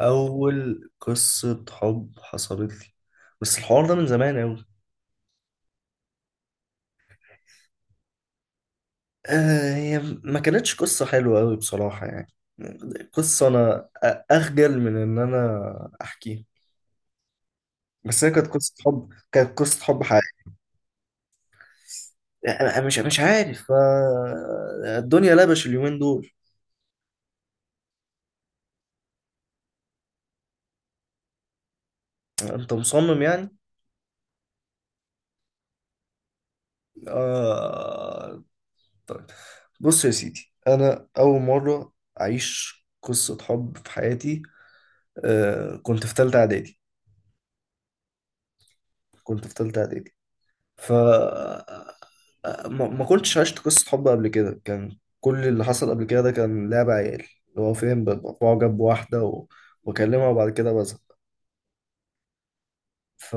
أول قصة حب حصلت لي. بس الحوار ده من زمان أوي. آه، هي ما كانتش قصة حلوة أوي بصراحة، يعني قصة أنا أخجل من إن أنا أحكيها. بس هي كانت قصة حب، كانت قصة حب حقيقية. أنا مش عارف، آه، الدنيا لبش اليومين دول. أنت مصمم يعني؟ آه، طيب. بص يا سيدي، أنا أول مرة أعيش قصة حب في حياتي. آه، كنت في تالتة إعدادي، كنت في تالتة إعدادي ف ما كنتش عشت قصة حب قبل كده. كان كل اللي حصل قبل كده ده كان لعب عيال، اللي هو فين ببقى معجب بواحدة واكلمها وبعد كده بزهق. ف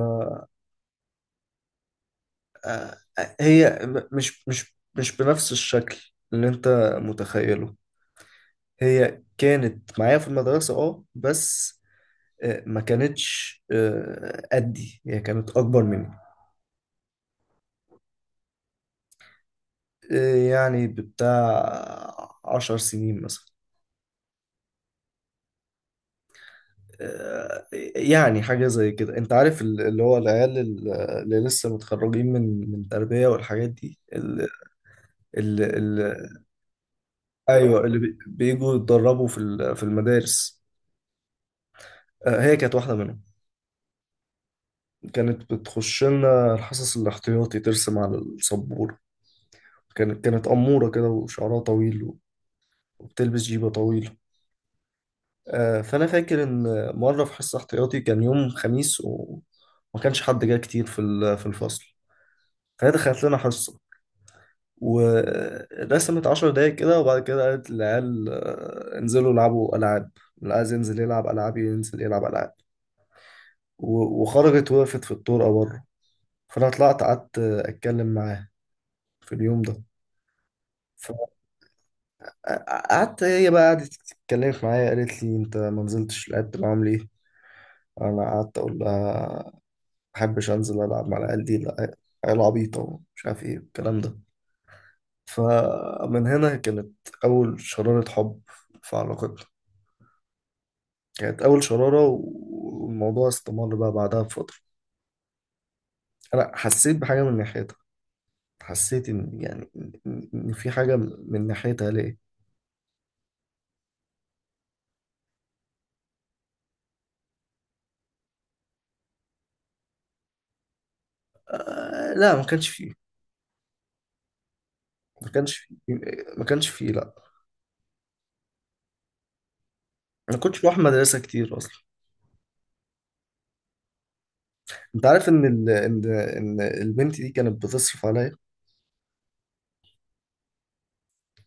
آه، هي مش بنفس الشكل اللي انت متخيله. هي كانت معايا في المدرسة، اه، بس آه، ما كانتش، آه، قدي، هي كانت أكبر مني. آه، يعني بتاع 10 سنين مثلا. آه، يعني حاجة زي كده، انت عارف، اللي هو العيال، اللي لسه متخرجين من من تربية والحاجات دي ال ال ال ايوه، اللي بيجوا يتدربوا في في المدارس. آه، هي كانت واحدة منهم. كانت بتخش لنا الحصص الاحتياطي ترسم على السبورة. كانت أمورة كده، وشعرها طويل، وبتلبس جيبة طويلة. آه، فأنا فاكر إن مرة في حصة احتياطي كان يوم خميس، وما كانش حد جاي كتير في في الفصل. فهي دخلت لنا حصة ورسمت 10 دقايق كده، وبعد كده قالت للعيال، آه، انزلوا العبوا ألعاب، اللي عايز ينزل يلعب ألعاب ينزل يلعب ألعاب. وخرجت وقفت في الطرقة بره. فأنا طلعت قعدت، آه، أتكلم معاها في اليوم ده. فقعدت هي بقى، قعدت اتكلمت معايا، قالت لي انت ما نزلتش لعبت معاهم ليه؟ انا قعدت اقول لها ما بحبش انزل العب مع العيال دي، لا، عيال عبيطه، ومش عارف ايه الكلام ده. فمن هنا كانت اول شرارة حب في علاقتنا، كانت أول شرارة. والموضوع استمر بقى بعدها بفترة. أنا حسيت بحاجة من ناحيتها، حسيت إن يعني إن في حاجة من ناحيتها ليه؟ آه، لا، ما كانش فيه ما كانش فيه، لا. ما كنتش بروح مدرسة كتير أصلا. أنت عارف إن إن إن البنت دي كانت بتصرف عليا،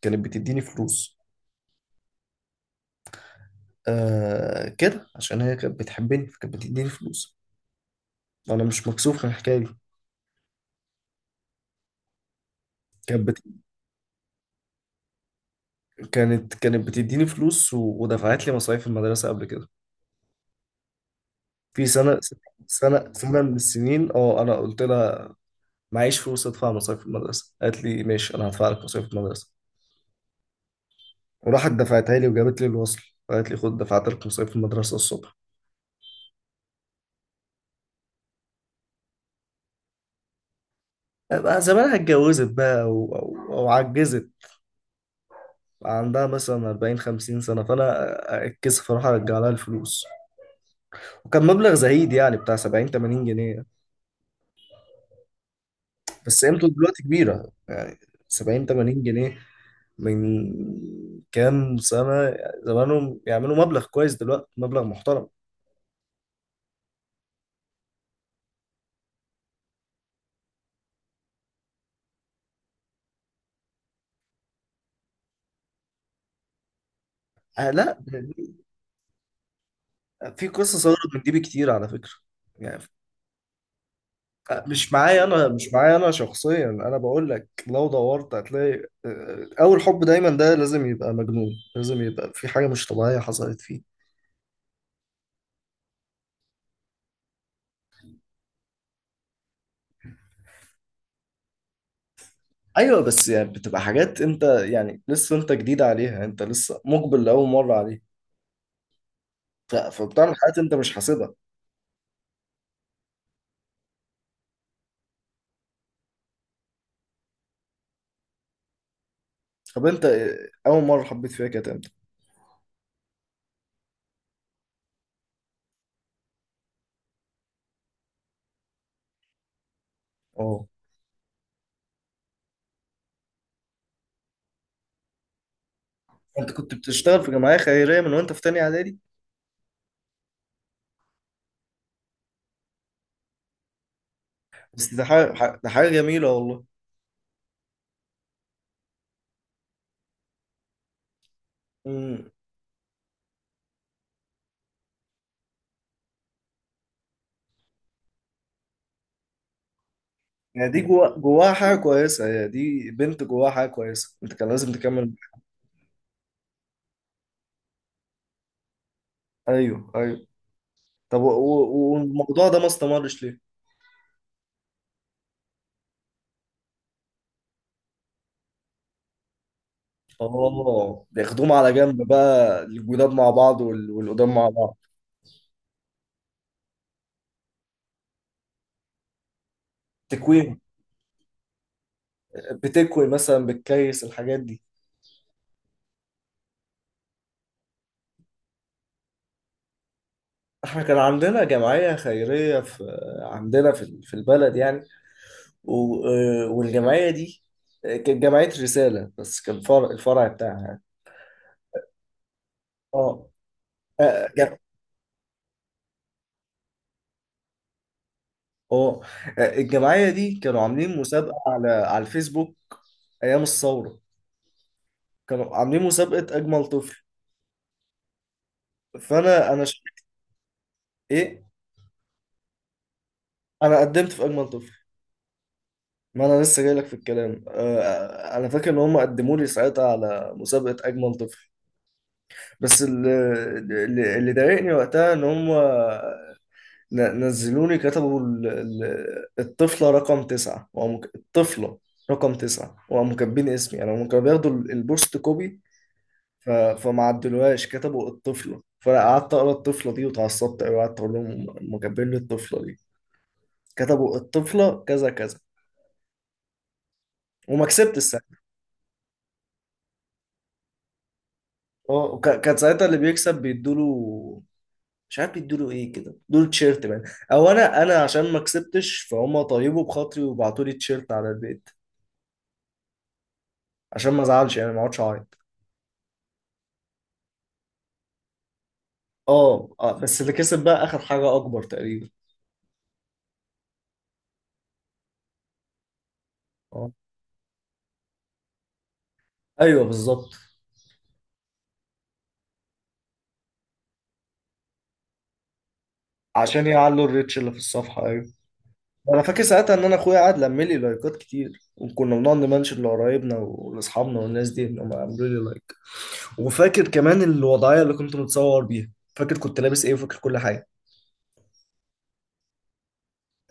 كانت بتديني فلوس. آه، كده، عشان هي كانت بتحبني، فكانت بتديني فلوس. وأنا مش مكسوف من الحكاية دي. كانت بت... كانت بتديني فلوس، ودفعت لي مصاريف المدرسة قبل كده في سنة سنة من السنين. اه، أنا قلت لها معيش فلوس أدفع مصاريف المدرسة. قالت لي ماشي، أنا هدفع لك مصاريف المدرسة. وراحت دفعتها لي وجابت لي الوصل. قالت لي خد، دفعت لك مصاريف المدرسة الصبح. بقى زمانها اتجوزت بقى، أو عجزت، عندها مثلا 40 50 سنة. فأنا أتكسف أروح أرجع لها الفلوس. وكان مبلغ زهيد، يعني بتاع 70 80 جنيه. بس قيمته دلوقتي كبيرة يعني. 70 80 جنيه من كام سنة، زمانهم يعملوا مبلغ كويس. دلوقتي مبلغ محترم. آه، لا، في قصص أغرب من دي بكتير على فكرة. يعني، آه، مش معايا أنا شخصيا. أنا بقول لك لو دورت هتلاقي، آه، أول حب دايما ده لازم يبقى مجنون، لازم يبقى في حاجة مش طبيعية حصلت فيه. أيوة، بس يعني بتبقى حاجات أنت يعني لسه أنت جديد عليها، أنت لسه مقبل لأول مرة عليها، فبتعمل حاجات أنت مش حاسبها. طب أنت، آه، أول مرة حبيت فيها كانت إمتى؟ اه. انت كنت بتشتغل في جمعية خيرية من وانت في تانية اعدادي؟ بس ده حاجة ده حاجة جميلة، والله. امم. يعني دي جوا حاجة كويسة، يعني دي بنت جواها حاجة كويسة، انت كان لازم تكمل. ايوه، ايوه. طب والموضوع ده ما استمرش ليه؟ اه، بياخدوهم على جنب بقى، الجداد مع بعض والقدام مع بعض. تكوين. بتكوي مثلا، بتكيس الحاجات دي. احنا كان عندنا جمعية خيرية في عندنا في في البلد يعني. آه، والجمعية دي، آه، كانت جمعية رسالة، بس كان فرع، الفرع بتاعها يعني. اه، اه، آه. آه، الجمعية دي كانوا عاملين مسابقة على على الفيسبوك أيام الثورة. كانوا عاملين مسابقة أجمل طفل. فأنا إيه؟ أنا قدمت في أجمل طفل. ما أنا لسه جاي لك في الكلام. آه، أنا فاكر إن هم قدموا لي ساعتها على مسابقة أجمل طفل. بس اللي ضايقني وقتها إن هم نزلوني كتبوا الطفلة رقم 9، وقاموا الطفلة رقم 9، وقاموا كاتبين اسمي أنا. هم كانوا بياخدوا البوست كوبي، فما عدلوهاش، كتبوا الطفلة. فأنا قعدت أقرأ الطفلة دي واتعصبت أوي، وقعدت أقول لهم هم كاتبين لي الطفلة دي، كتبوا الطفلة كذا كذا. وما كسبت الساعة. اه، كان ساعتها اللي بيكسب بيدوله، مش عارف بيدوله ايه كده، دول تيشيرت بقى. او انا انا عشان ما كسبتش، فهم طيبوا بخاطري وبعتوا لي تيشيرت على البيت، عشان ما ازعلش يعني، ما اقعدش اعيط. اه، آه، بس اللي كسب بقى اخر حاجه اكبر تقريبا. اه، ايوه بالظبط. عشان يعلوا الريتش اللي في الصفحه، ايوه. انا فاكر ساعتها ان انا اخويا قعد لم لي لايكات كتير، وكنا بنقعد نمنشن لقرايبنا ولاصحابنا والناس دي، انهم عملوا لي لايك. وفاكر كمان الوضعيه اللي كنت متصور بيها، فاكر كنت لابس ايه، وفاكر كل حاجه.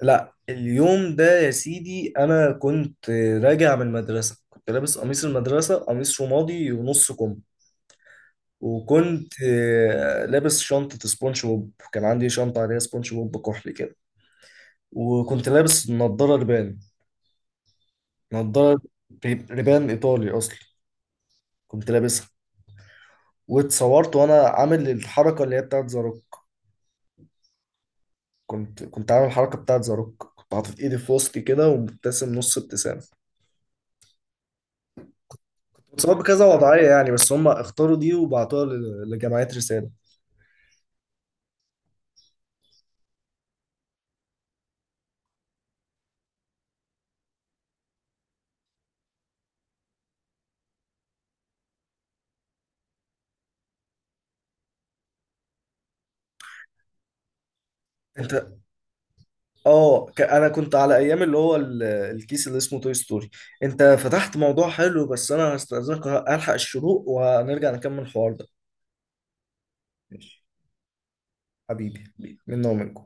لا، اليوم ده يا سيدي انا كنت راجع من المدرسه، كنت لابس قميص المدرسه، قميص رمادي ونص كم. وكنت، آه، لابس شنطة سبونج بوب. كان عندي شنطة عليها سبونج بوب كحلي كده. وكنت لابس نضارة ريبان، نضارة ريبان إيطالي أصلا، كنت لابسها. واتصورت وأنا عامل الحركة اللي هي بتاعت زاروك. كنت عامل الحركة بتاعت زاروك، كنت حاطط إيدي في وسطي كده، ومبتسم نص ابتسامة. اتصورت بكذا وضعية يعني، بس هم اختاروا دي وبعتوها لجمعية رسالة. أنت، اه، انا كنت على ايام اللي هو الكيس اللي اسمه توي ستوري. انت فتحت موضوع حلو، بس انا هستأذنك الحق الشروق، وهنرجع نكمل الحوار ده. ماشي. حبيبي، حبيبي، منا ومنكم.